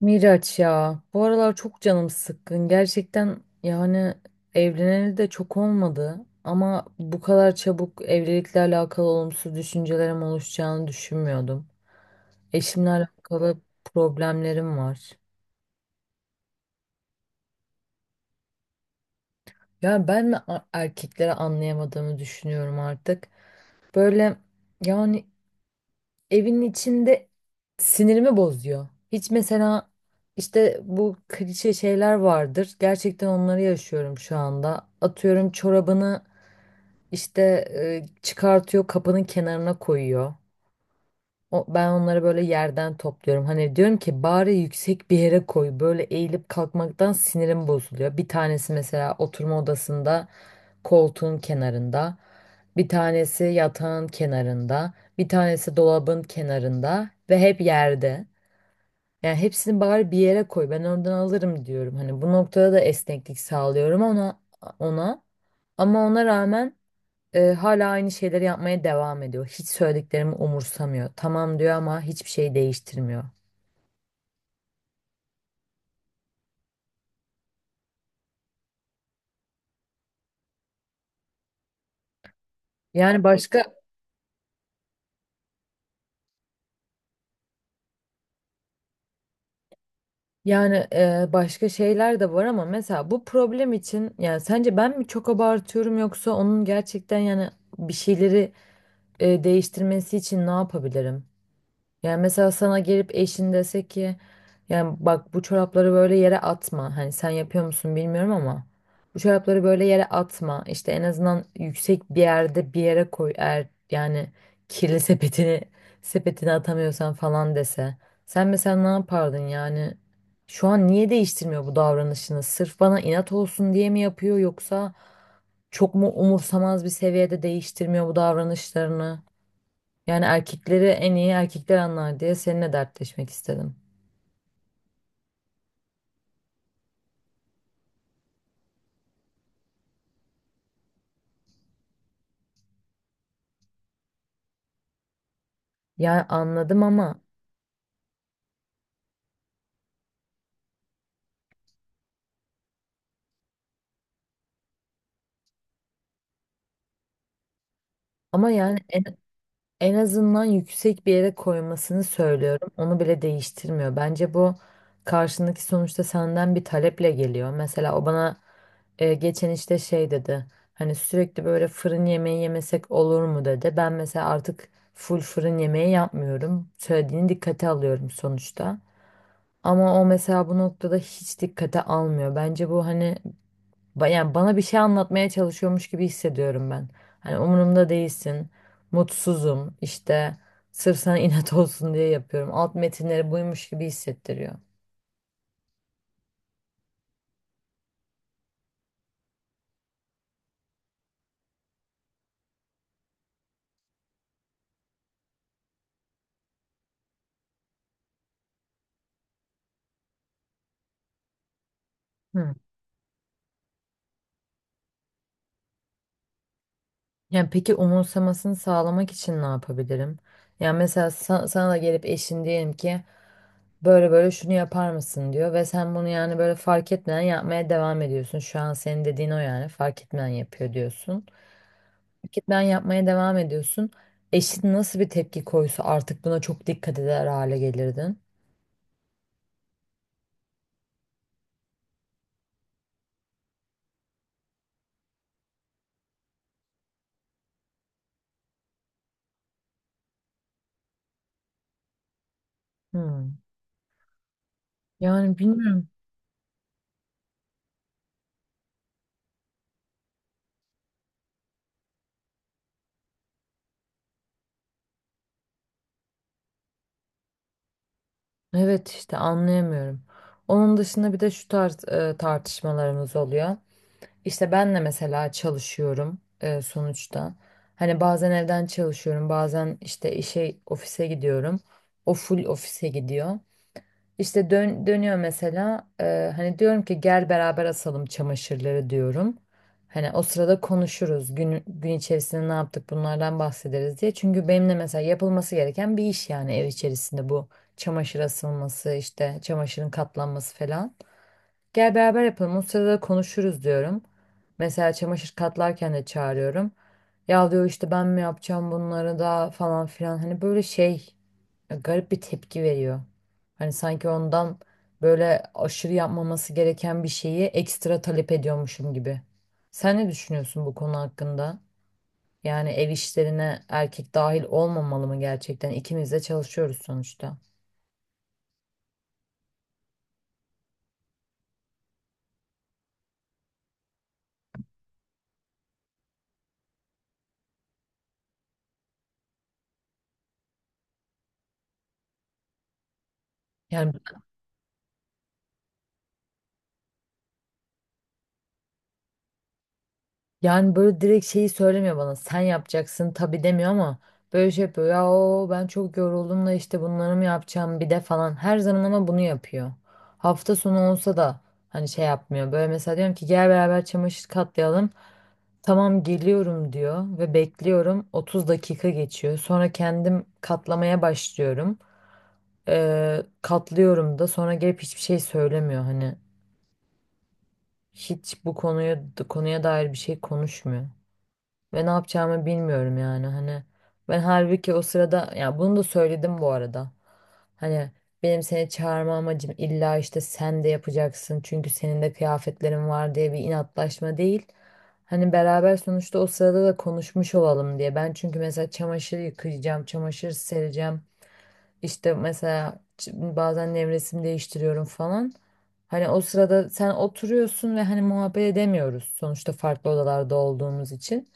Miraç ya bu aralar çok canım sıkkın gerçekten yani evleneli de çok olmadı ama bu kadar çabuk evlilikle alakalı olumsuz düşüncelerim oluşacağını düşünmüyordum. Eşimle alakalı problemlerim var. Ya ben mi erkekleri anlayamadığımı düşünüyorum artık. Böyle yani evin içinde sinirimi bozuyor. Hiç mesela işte bu klişe şeyler vardır. Gerçekten onları yaşıyorum şu anda. Atıyorum çorabını işte çıkartıyor, kapının kenarına koyuyor. Ben onları böyle yerden topluyorum. Hani diyorum ki bari yüksek bir yere koy. Böyle eğilip kalkmaktan sinirim bozuluyor. Bir tanesi mesela oturma odasında koltuğun kenarında, bir tanesi yatağın kenarında, bir tanesi dolabın kenarında ve hep yerde. Yani hepsini bari bir yere koy. Ben oradan alırım diyorum. Hani bu noktada da esneklik sağlıyorum ona. Ama ona rağmen hala aynı şeyleri yapmaya devam ediyor. Hiç söylediklerimi umursamıyor. Tamam diyor ama hiçbir şey değiştirmiyor. Yani başka Yani başka şeyler de var ama mesela bu problem için yani sence ben mi çok abartıyorum yoksa onun gerçekten yani bir şeyleri değiştirmesi için ne yapabilirim? Yani mesela sana gelip eşin dese ki yani bak bu çorapları böyle yere atma. Hani sen yapıyor musun bilmiyorum ama bu çorapları böyle yere atma. İşte en azından yüksek bir yerde bir yere koy eğer yani kirli sepetini atamıyorsan falan dese. Sen mesela ne yapardın yani? Şu an niye değiştirmiyor bu davranışını? Sırf bana inat olsun diye mi yapıyor yoksa çok mu umursamaz bir seviyede değiştirmiyor bu davranışlarını? Yani erkekleri en iyi erkekler anlar diye seninle dertleşmek istedim. Yani anladım ama ama yani en, en azından yüksek bir yere koymasını söylüyorum. Onu bile değiştirmiyor. Bence bu karşındaki sonuçta senden bir taleple geliyor. Mesela o bana geçen işte şey dedi. Hani sürekli böyle fırın yemeği yemesek olur mu dedi. Ben mesela artık full fırın yemeği yapmıyorum. Söylediğini dikkate alıyorum sonuçta. Ama o mesela bu noktada hiç dikkate almıyor. Bence bu hani yani bana bir şey anlatmaya çalışıyormuş gibi hissediyorum ben. Hani umurumda değilsin, mutsuzum, işte sırf sana inat olsun diye yapıyorum. Alt metinleri buymuş gibi hissettiriyor. Hı. Yani peki umursamasını sağlamak için ne yapabilirim? Yani mesela sana da gelip eşin diyelim ki böyle böyle şunu yapar mısın diyor ve sen bunu yani böyle fark etmeden yapmaya devam ediyorsun. Şu an senin dediğin o yani fark etmeden yapıyor diyorsun. Fark etmeden yapmaya devam ediyorsun. Eşin nasıl bir tepki koysa artık buna çok dikkat eder hale gelirdin. Hmm. Yani bilmiyorum. Evet işte anlayamıyorum. Onun dışında bir de şu tarz tartışmalarımız oluyor. İşte ben de mesela çalışıyorum sonuçta. Hani bazen evden çalışıyorum, bazen işte işe, ofise gidiyorum. O full ofise gidiyor. İşte dönüyor mesela hani diyorum ki gel beraber asalım çamaşırları diyorum. Hani o sırada konuşuruz gün içerisinde ne yaptık bunlardan bahsederiz diye. Çünkü benimle mesela yapılması gereken bir iş yani ev içerisinde bu çamaşır asılması işte çamaşırın katlanması falan. Gel beraber yapalım. O sırada konuşuruz diyorum. Mesela çamaşır katlarken de çağırıyorum. Ya diyor işte ben mi yapacağım bunları da falan filan. Hani böyle şey garip bir tepki veriyor. Hani sanki ondan böyle aşırı yapmaması gereken bir şeyi ekstra talep ediyormuşum gibi. Sen ne düşünüyorsun bu konu hakkında? Yani ev işlerine erkek dahil olmamalı mı gerçekten? İkimiz de çalışıyoruz sonuçta. Yani Yani böyle direkt şeyi söylemiyor bana. Sen yapacaksın tabii demiyor ama böyle şey yapıyor. Ya o ben çok yoruldum da işte bunları mı yapacağım bir de falan. Her zaman ama bunu yapıyor. Hafta sonu olsa da hani şey yapmıyor. Böyle mesela diyorum ki gel beraber çamaşır katlayalım. Tamam geliyorum diyor ve bekliyorum. 30 dakika geçiyor. Sonra kendim katlamaya başlıyorum. Katlıyorum da sonra gelip hiçbir şey söylemiyor. Hani hiç bu konuya dair bir şey konuşmuyor ve ne yapacağımı bilmiyorum yani hani ben halbuki o sırada ya bunu da söyledim bu arada hani benim seni çağırma amacım illa işte sen de yapacaksın çünkü senin de kıyafetlerin var diye bir inatlaşma değil hani beraber sonuçta o sırada da konuşmuş olalım diye ben çünkü mesela çamaşır yıkayacağım çamaşır sereceğim işte mesela bazen nevresim değiştiriyorum falan. Hani o sırada sen oturuyorsun ve hani muhabbet edemiyoruz sonuçta farklı odalarda olduğumuz için.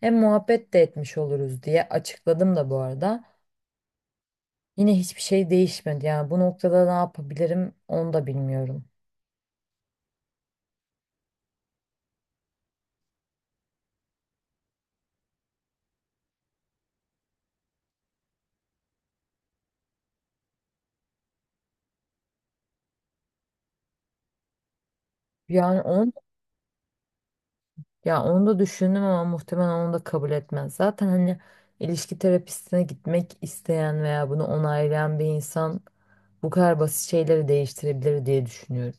Hem muhabbet de etmiş oluruz diye açıkladım da bu arada. Yine hiçbir şey değişmedi. Yani bu noktada ne yapabilirim onu da bilmiyorum. Yani onu, Ya onu da düşündüm ama muhtemelen onu da kabul etmez. Zaten hani ilişki terapistine gitmek isteyen veya bunu onaylayan bir insan bu kadar basit şeyleri değiştirebilir diye düşünüyorum.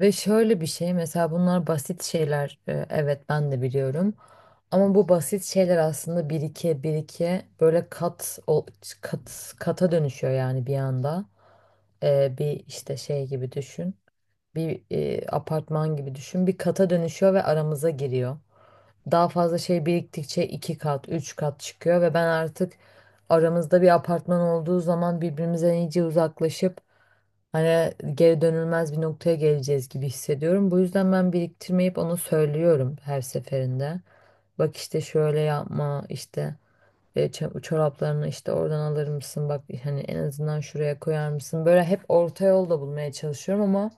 Ve şöyle bir şey mesela bunlar basit şeyler evet ben de biliyorum. Ama bu basit şeyler aslında birike birike böyle kat kata dönüşüyor yani bir anda. Bir işte şey gibi düşün. Bir apartman gibi düşün. Bir kata dönüşüyor ve aramıza giriyor. Daha fazla şey biriktikçe iki kat, üç kat çıkıyor ve ben artık aramızda bir apartman olduğu zaman birbirimize iyice uzaklaşıp hani geri dönülmez bir noktaya geleceğiz gibi hissediyorum. Bu yüzden ben biriktirmeyip ona söylüyorum her seferinde. Bak işte şöyle yapma işte çoraplarını işte oradan alır mısın? Bak hani en azından şuraya koyar mısın? Böyle hep orta yol da bulmaya çalışıyorum ama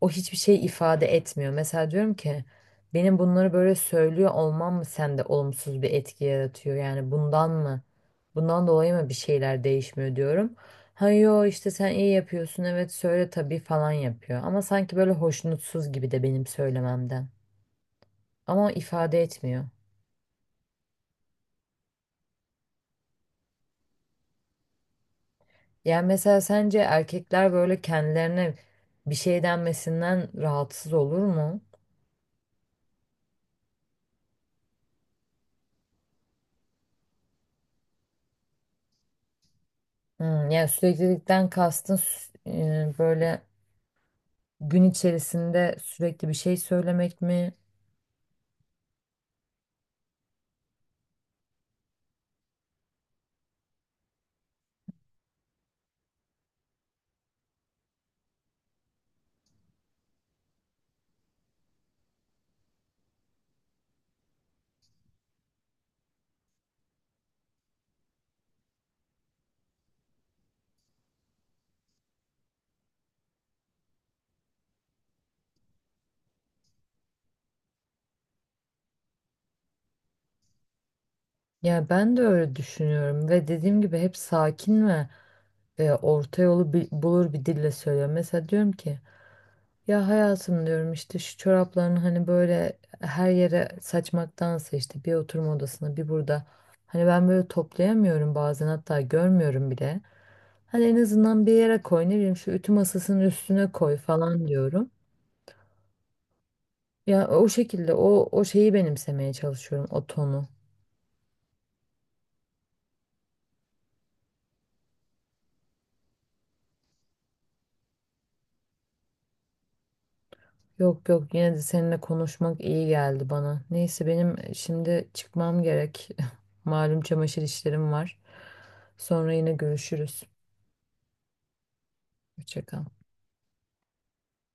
o hiçbir şey ifade etmiyor. Mesela diyorum ki benim bunları böyle söylüyor olmam mı sende olumsuz bir etki yaratıyor? Yani bundan mı? Bundan dolayı mı bir şeyler değişmiyor diyorum. Ha yo işte sen iyi yapıyorsun evet söyle tabii falan yapıyor. Ama sanki böyle hoşnutsuz gibi de benim söylememden. Ama ifade etmiyor. Yani mesela sence erkekler böyle kendilerine bir şey denmesinden rahatsız olur mu? Yani süreklilikten kastın böyle gün içerisinde sürekli bir şey söylemek mi? Ya ben de öyle düşünüyorum ve dediğim gibi hep sakin ve orta yolu bulur bir dille söylüyor. Mesela diyorum ki ya hayatım diyorum işte şu çoraplarını hani böyle her yere saçmaktansa işte bir oturma odasına bir burada. Hani ben böyle toplayamıyorum bazen hatta görmüyorum bile. Hani en azından bir yere koy ne bileyim şu ütü masasının üstüne koy falan diyorum. Ya o şekilde o şeyi benimsemeye çalışıyorum o tonu. Yok yok yine de seninle konuşmak iyi geldi bana. Neyse benim şimdi çıkmam gerek. Malum çamaşır işlerim var. Sonra yine görüşürüz. Hoşça kal.